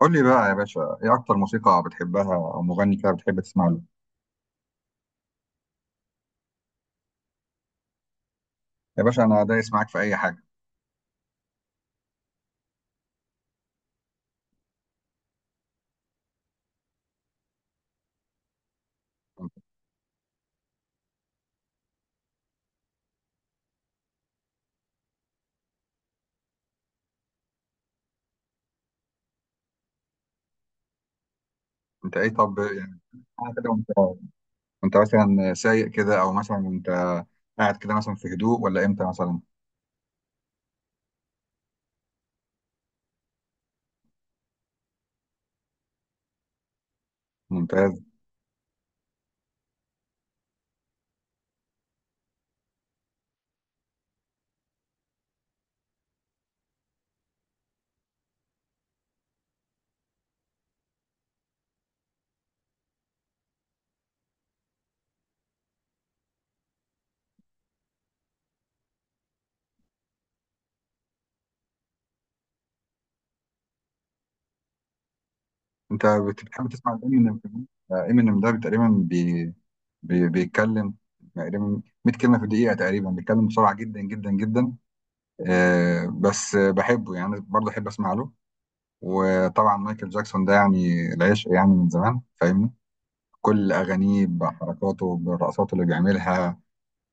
قول لي بقى يا باشا ايه اكتر موسيقى بتحبها او مغني كده بتحب تسمع له؟ يا باشا انا دايس معاك في اي حاجه. انت ايه طب يعني؟ أنا كده وانت، وانت مثلا سايق كده او مثلا انت قاعد كده مثلا في هدوء ولا امتى مثلا؟ ممتاز. انت بتحب تسمع امينيم؟ امينيم ده تقريبا بيتكلم تقريبا 100 كلمه في دقيقه، تقريبا بيتكلم بسرعه جدا جدا جدا. آه بس بحبه يعني، برضه احب اسمع له. وطبعا مايكل جاكسون ده يعني العشق، يعني من زمان فاهمني. كل أغانيه بحركاته بالرقصات اللي بيعملها،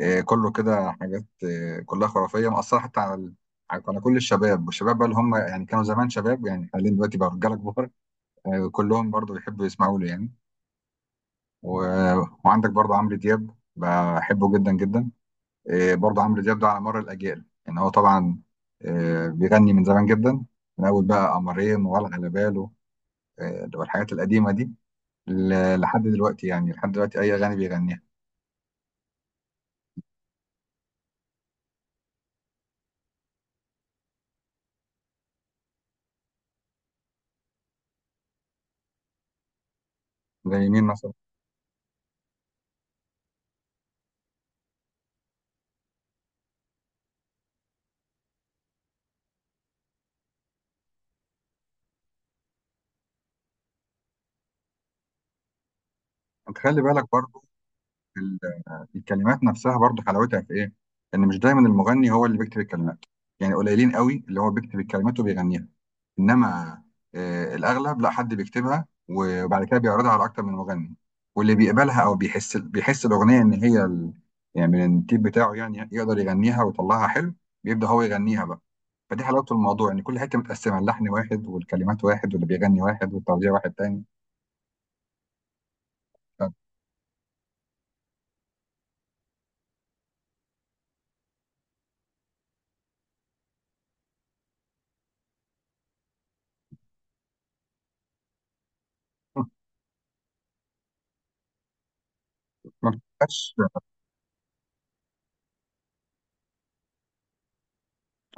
آه، كله كده حاجات آه، كلها خرافية مأثرة حتى على كل الشباب، والشباب بقى اللي هم يعني كانوا زمان شباب، يعني حاليا دلوقتي بقى رجالة كبار. آه، كلهم برضو بيحبوا يسمعوا له يعني. و... وعندك برضو عمرو دياب بحبه جدا جدا. آه، برضو عمرو دياب ده على مر الأجيال، يعني هو طبعا آه، بيغني من زمان جدا، من أول بقى قمرين ولا على باله، آه، والحاجات القديمة دي، لحد دلوقتي، يعني لحد دلوقتي أي أغاني بيغنيها. زي مين مثلا؟ انت خلي بالك برضو ال- الكلمات نفسها برضو حلاوتها في ايه: ان مش دايما المغني هو اللي بيكتب الكلمات. يعني قليلين قوي اللي هو بيكتب الكلمات وبيغنيها، انما آه الاغلب لا، حد بيكتبها وبعد كده بيعرضها على اكتر من مغني، واللي بيقبلها او بيحس الاغنيه ان هي يعني من التيب بتاعه، يعني يقدر يغنيها ويطلعها حلو، بيبدا هو يغنيها بقى. فدي حلاوه الموضوع، ان كل حته متقسمه: اللحن واحد، والكلمات واحد، واللي بيغني واحد، والتوزيع واحد تاني. ف- ما بتبقاش.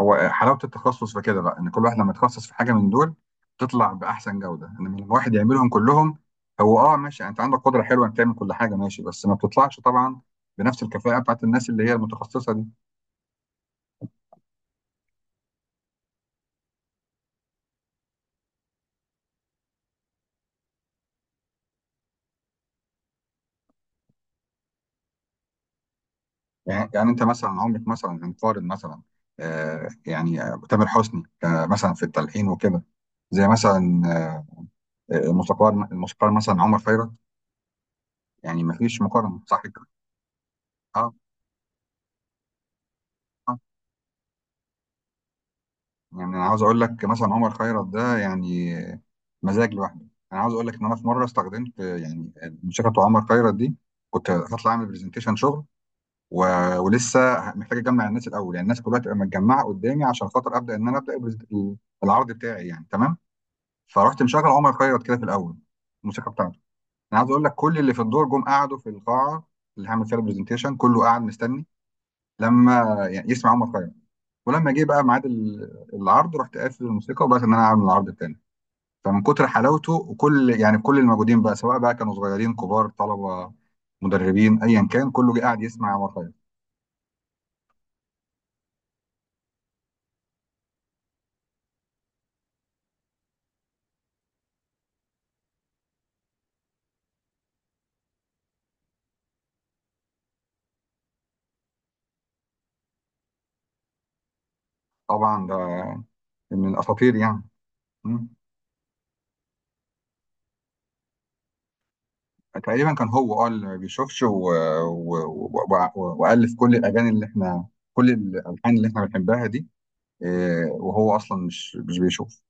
هو حلاوه التخصص في كده بقى ان كل واحد لما يتخصص في حاجه من دول تطلع باحسن جوده، انما لما واحد يعملهم كلهم، هو اه ماشي، يعني انت عندك قدره حلوه انك تعمل كل حاجه، ماشي، بس ما بتطلعش طبعا بنفس الكفاءه بتاعت الناس اللي هي المتخصصه دي. يعني، انت مثلا عمرك مثلا هنقارن مثلا آه يعني آه، تامر حسني آه مثلا في التلحين وكده، زي مثلا آه، الموسيقار مثلا عمر خيرت؟ يعني ما فيش مقارنه، صح كده؟ اه آه. يعني انا عاوز اقول لك مثلا عمر خيرت ده يعني مزاج لوحده. انا عاوز اقول لك ان انا في مره استخدمت يعني الموسيقى بتاع عمر خيرت دي، كنت هطلع اعمل برزنتيشن شغل، و... ولسه محتاج اجمع الناس الاول، يعني الناس كلها تبقى متجمعه قدامي عشان خاطر ابدا ان انا العرض بتاعي يعني تمام. فرحت مشغل عمر خيرت كده في الاول، الموسيقى بتاعته. انا عاوز اقول لك كل اللي في الدور جم قعدوا في القاعه اللي هعمل فيها البرزنتيشن، كله قاعد مستني لما يعني يسمع عمر خيرت. ولما جه بقى ميعاد العرض، رحت قافل الموسيقى وبدات ان انا اعمل العرض التاني. فمن كتر حلاوته، وكل يعني كل الموجودين بقى، سواء بقى كانوا صغيرين كبار طلبه مدربين ايا كان، كله جه قاعد يسمع عمر خيرت. طبعا ده من الاساطير يعني. مم. تقريبا كان هو اه اللي ما بيشوفش و... و... والف كل الاغاني اللي احنا، كل الالحان اللي احنا بنحبها دي، إيه، وهو اصلا مش بيشوف.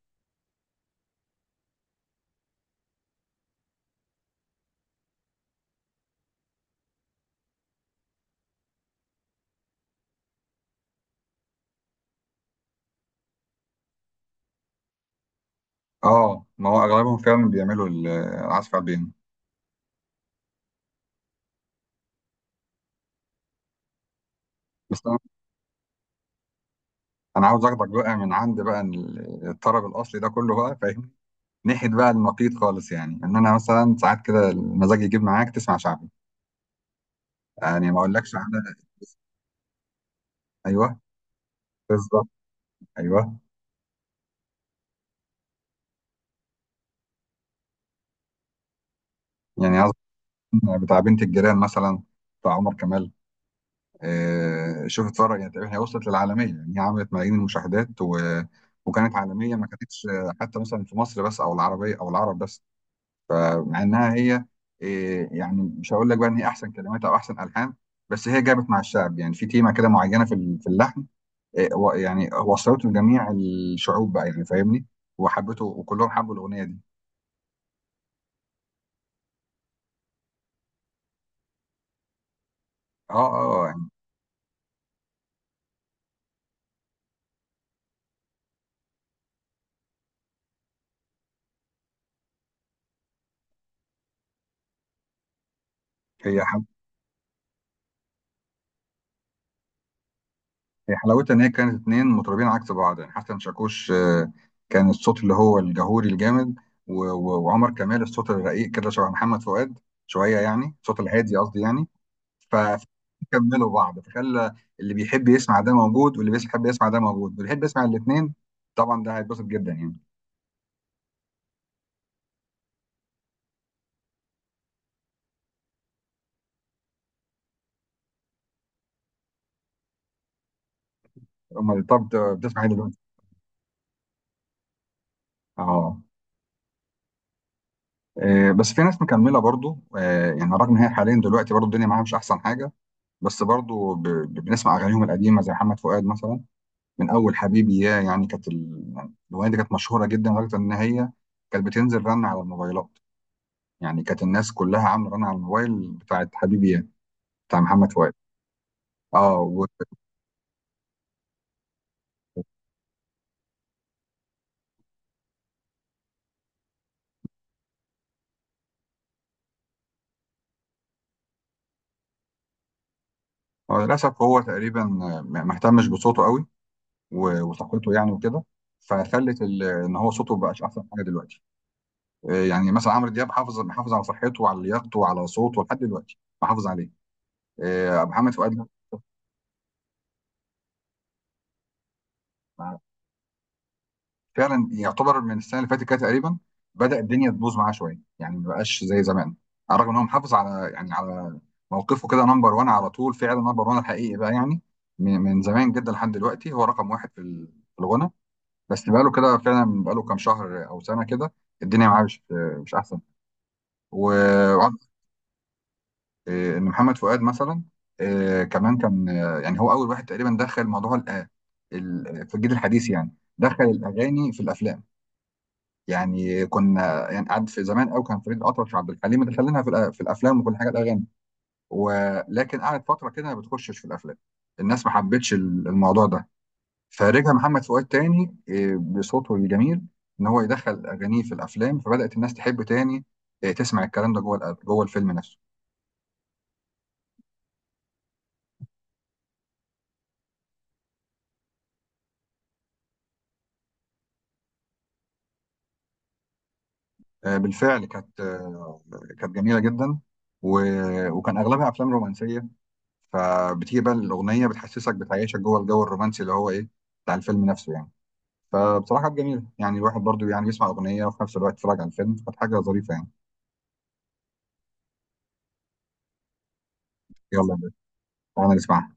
اه ما هو اغلبهم فعلا بيعملوا العزف على البيانو. بس انا عاوز اخدك بقى من عند بقى الطرب الاصلي ده كله بقى، فاهم، ناحيه بقى النقيض خالص، يعني ان انا مثلا ساعات كده المزاج يجيب معاك تسمع شعبي، يعني ما اقولكش على... ايوه، بالظبط، ايوه، يعني اظن بتاع بنت الجيران مثلا، بتاع عمر كمال، آه شوف اتفرج، يعني تقريبا هي وصلت للعالميه، يعني هي عملت ملايين المشاهدات وكانت عالميه، ما كانتش آه، حتى مثلا في مصر بس او العربيه او العرب بس. فمع انها هي إيه، يعني مش هقول لك بقى ان هي احسن كلمات او احسن الحان، بس هي جابت مع الشعب، يعني في تيمه كده معينه في في اللحن، إيه، يعني وصلته لجميع الشعوب بقى، يعني فاهمني، وحبته، وكلهم حبوا الاغنيه دي. اه اه آه، يعني هي حب... هي حلاوتها ان هي كانت اتنين مطربين عكس بعض، يعني حسن شاكوش آه، كان الصوت اللي هو الجهوري الجامد، وعمر كمال الصوت الرقيق كده، شبه محمد فؤاد شويه، يعني الصوت الهادي قصدي يعني. فكملوا بعض فخلى اللي بيحب يسمع ده موجود، واللي بيحب يسمع ده موجود، واللي يحب يسمع الاثنين، طبعا ده هيتبسط جدا يعني. امال طب بتسمع ايه دلوقتي؟ اه آه، بس في ناس مكمله برضو آه، يعني رغم ان هي حاليا دلوقتي برضو الدنيا معاها مش احسن حاجه، بس برضو بنسمع اغانيهم القديمه، زي محمد فؤاد مثلا، من اول حبيبي يا، يعني كانت يعني الاغنيه دي كانت مشهوره جدا لدرجه ان هي كانت بتنزل رن على الموبايلات، يعني كانت الناس كلها عامله رن على الموبايل بتاعت حبيبي يا، بتاع محمد فؤاد. اه، هو للأسف هو تقريبا ما اهتمش بصوته قوي وثقته يعني وكده، فخلت ان هو صوته ما بقاش احسن حاجه دلوقتي. آه، يعني مثلا عمرو دياب محافظ على صحته وعلى لياقته وعلى صوته لحد دلوقتي محافظ عليه. آه، محمد فؤاد، لا. فعلا يعتبر من السنه اللي فاتت كده تقريبا بدأ الدنيا تبوظ معاه شويه، يعني ما بقاش زي زمان، على الرغم ان هو محافظ على، يعني على موقفه كده نمبر 1 على طول، فعلا نمبر 1 الحقيقي بقى، يعني من زمان جدا لحد دلوقتي هو رقم واحد في في الغنى. بس بقاله كده فعلا، بقاله كام شهر او سنه كده الدنيا معاه مش، مش احسن، و وعن- إيه، ان محمد فؤاد مثلا، إيه، كمان كان آه، يعني هو اول واحد تقريبا دخل موضوع في الجيل الحديث، يعني دخل الاغاني في الافلام. يعني كنا، يعني قعد في زمان قوي كان فريد الاطرش وعبد الحليم مدخلينها في الافلام وكل حاجه الاغاني، ولكن قعد فتره كده ما بتخشش في الافلام، الناس ما حبتش الموضوع ده. فرجع محمد فؤاد تاني آه، بصوته الجميل ان هو يدخل اغانيه في الافلام، فبدات الناس تحب تاني آه، تسمع الكلام ده جوه جوه الفيلم نفسه. آه، بالفعل كانت آه، كانت جميله جدا، وكان اغلبها افلام رومانسيه، فبتيجي بقى الاغنيه بتحسسك بتعيشك جوه الجو الرومانسي اللي هو ايه، بتاع الفيلم نفسه يعني. فبصراحه كانت جميله، يعني الواحد برضو يعني بيسمع اغنيه وفي نفس الوقت يتفرج على الفيلم، فكانت حاجه ظريفه يعني. يلا يا باشا، تعالى نسمعها.